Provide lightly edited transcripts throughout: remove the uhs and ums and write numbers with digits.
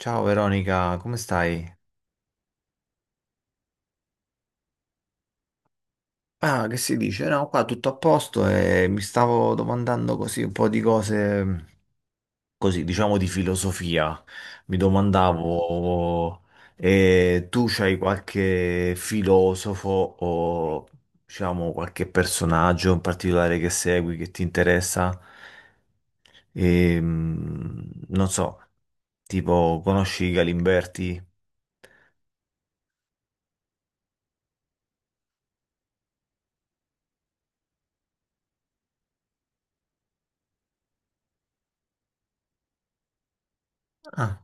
Ciao Veronica, come stai? Ah, che si dice? No, qua tutto a posto e mi stavo domandando così un po' di cose, così diciamo di filosofia. Mi domandavo, tu c'hai qualche filosofo o diciamo qualche personaggio in particolare che segui, che ti interessa? Non so, tipo conosci Galimberti? Ah,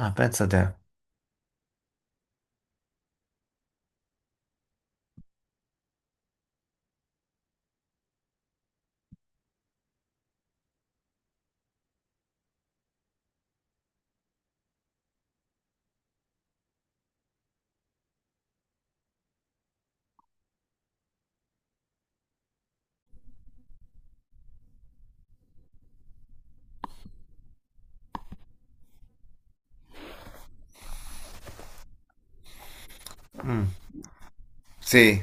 ah, pensa te. Mm. Sì.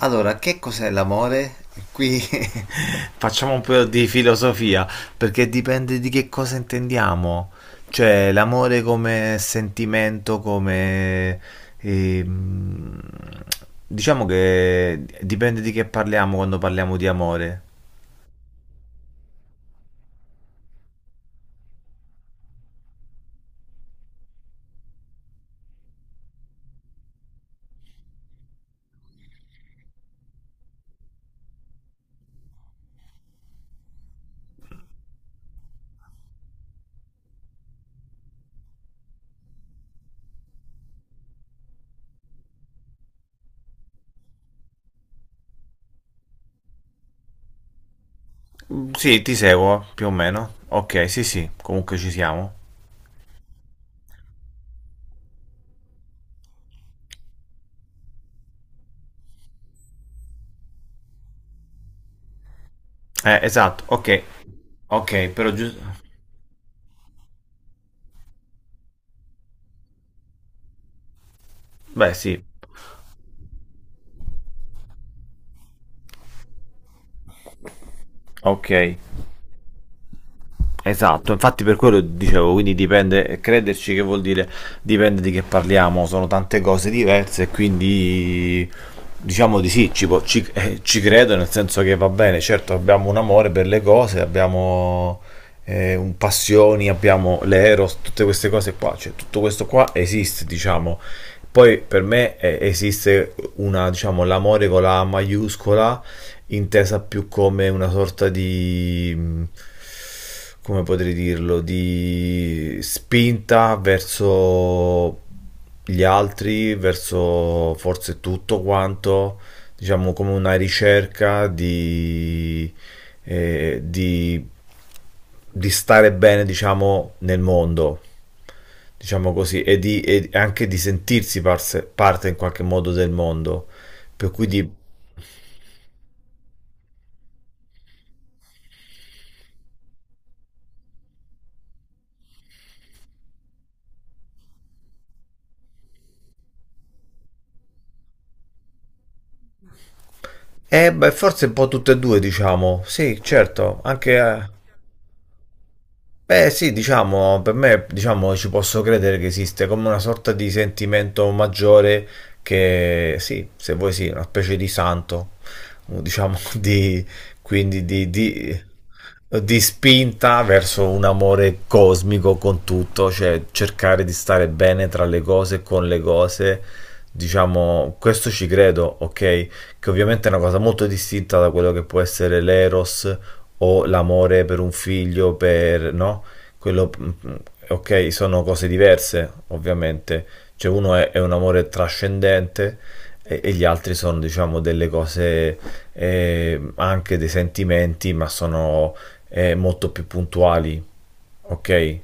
Allora, che cos'è l'amore? Qui facciamo un po' di filosofia, perché dipende di che cosa intendiamo. Cioè, l'amore come sentimento, ehm, diciamo che dipende di che parliamo quando parliamo di amore. Mm, sì, ti seguo, più o meno. Ok, sì, sì, comunque ci siamo. Esatto, ok. Ok, però giusto... Beh, sì, ok. Esatto, infatti per quello dicevo, quindi dipende, crederci che vuol dire dipende di che parliamo, sono tante cose diverse e quindi diciamo di sì, ci credo nel senso che va bene, certo abbiamo un amore per le cose, abbiamo un passioni, abbiamo l'eros, tutte queste cose qua, cioè tutto questo qua esiste, diciamo. Poi per me esiste una, diciamo, l'amore con la A maiuscola intesa più come una sorta di, come potrei dirlo, di spinta verso gli altri, verso forse tutto quanto, diciamo come una ricerca eh, di, di stare bene, diciamo, nel mondo diciamo così, e anche di sentirsi parte in qualche modo del mondo, per cui di... beh, forse un po' tutte e due, diciamo. Sì, certo, anche eh. Beh, sì, diciamo, per me, diciamo, ci posso credere che esiste come una sorta di sentimento maggiore che, sì, se vuoi sì, una specie di santo, diciamo, di, quindi di spinta verso un amore cosmico con tutto, cioè cercare di stare bene tra le cose, e con le cose, diciamo, questo ci credo, ok? Che ovviamente è una cosa molto distinta da quello che può essere l'eros o l'amore per un figlio, per, no? Quello, mm, mm, ok, sono cose diverse, ovviamente. Cioè uno è un amore trascendente e gli altri sono, diciamo, delle cose, anche dei sentimenti, ma sono molto più puntuali, ok?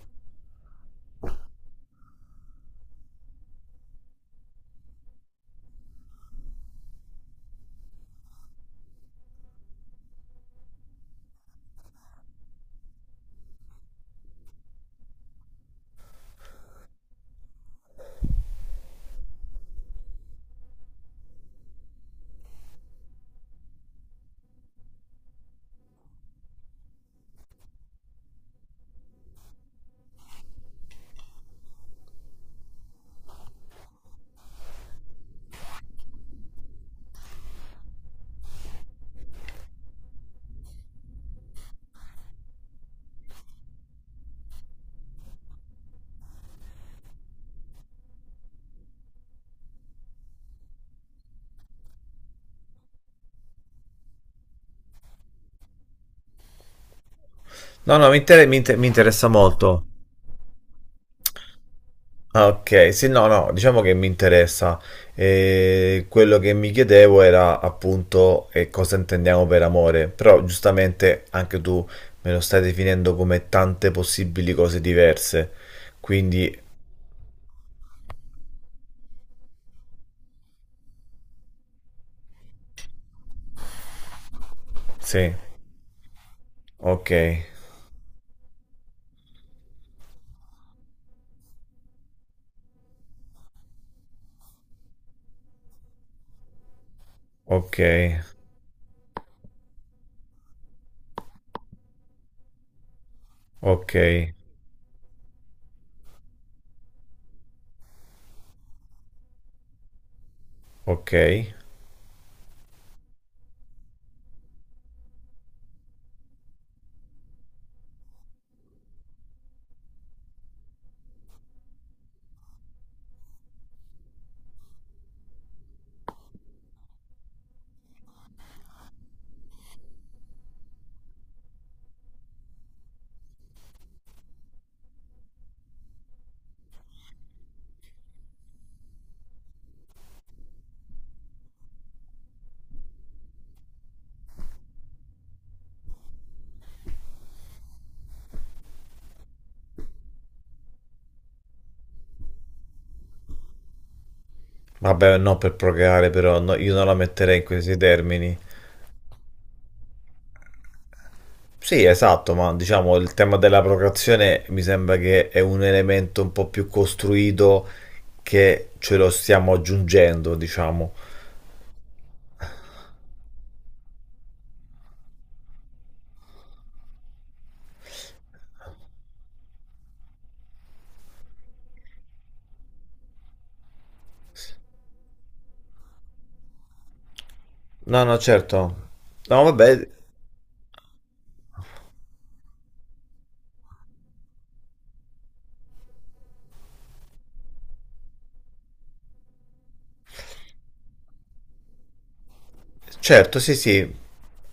No, no, mi interessa molto. Ah, ok, sì, no, no, diciamo che mi interessa. Quello che mi chiedevo era appunto cosa intendiamo per amore, però giustamente anche tu me lo stai definendo come tante possibili cose diverse. Quindi, sì, ok, ok, ok, ok. Vabbè, no, per procreare però, no, io non la metterei in questi termini. Sì, esatto, ma diciamo il tema della procreazione mi sembra che è un elemento un po' più costruito che ce lo stiamo aggiungendo, diciamo. No, no, certo. No, vabbè, certo, sì, sì,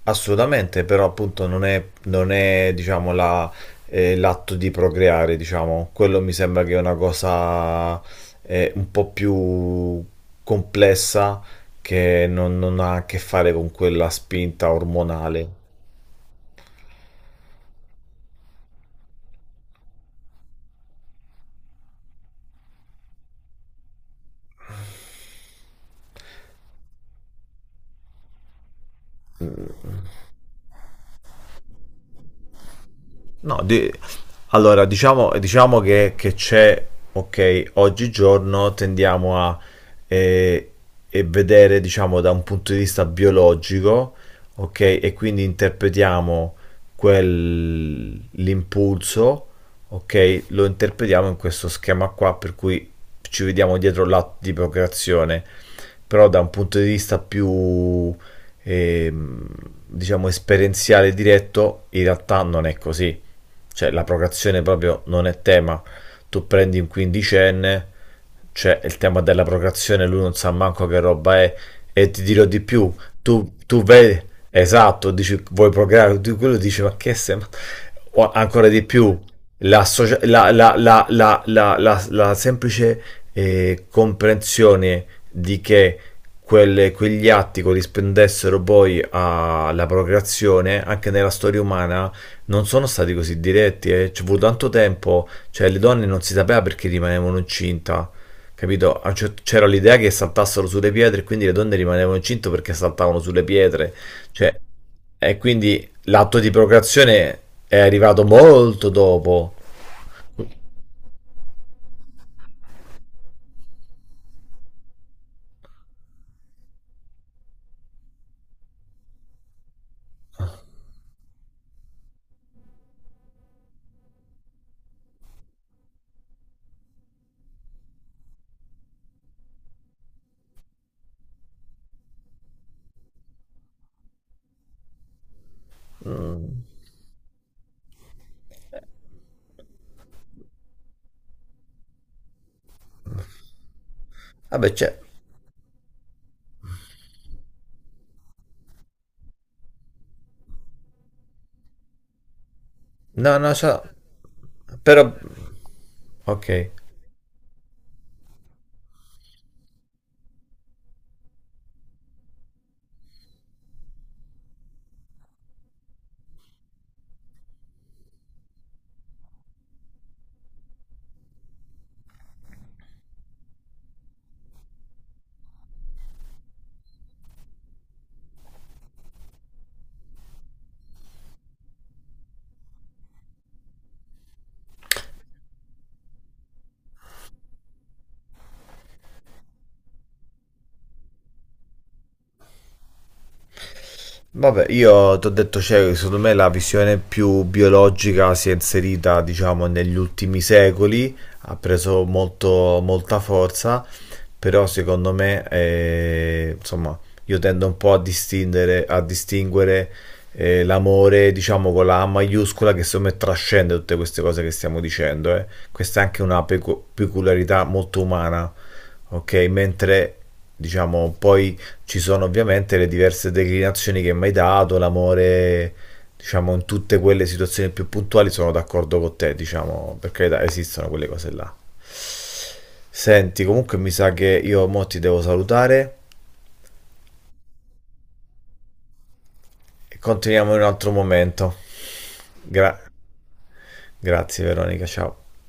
assolutamente, però appunto non è diciamo, la- l'atto di procreare, diciamo. Quello mi sembra che è una cosa un po' più complessa che non ha a che fare con quella spinta ormonale. No, di- allora diciamo, diciamo che c'è, ok, oggigiorno tendiamo a eh, e vedere, diciamo, da un punto di vista biologico, ok, e quindi interpretiamo quel- l'impulso, ok, lo interpretiamo in questo schema qua, per cui ci vediamo dietro l'atto di procreazione, però da un punto di vista più, ehm, diciamo, esperienziale diretto, in realtà non è così, cioè la procreazione proprio non è tema. Tu prendi un quindicenne, c'è il tema della procreazione, lui non sa manco che roba è, e ti dirò di più, tu vedi, esatto, dici vuoi procreare, tu quello dici ma che sei, ma... O ancora di più, la, socia- la, la, la, la, la, la, la semplice comprensione di che quegli atti corrispondessero poi alla procreazione, anche nella storia umana, non sono stati così diretti, eh. Ci è voluto tanto tempo, cioè le donne non si sapeva perché rimanevano incinta, capito? C'era l'idea che saltassero sulle pietre e quindi le donne rimanevano incinte perché saltavano sulle pietre, cioè, e quindi l'atto di procreazione è arrivato molto dopo. Mm. Vabbè, c'è, no, no, c'è, però, ok. Vabbè, io ti ho detto, cioè, secondo me la visione più biologica si è inserita, diciamo, negli ultimi secoli, ha preso molto, molta forza, però secondo me, insomma, io tendo un po' a distinguere, a distinguere l'amore, diciamo, con la A maiuscola, che secondo me trascende tutte queste cose che stiamo dicendo, eh. Questa è anche una peculiarità molto umana, ok? Mentre, diciamo, poi ci sono ovviamente le diverse declinazioni che mi hai dato, l'amore, diciamo, in tutte quelle situazioni più puntuali sono d'accordo con te, diciamo, per carità, esistono quelle cose là. Senti, comunque mi sa che io mo ti devo salutare e continuiamo in un altro momento. Gra- grazie Veronica, ciao.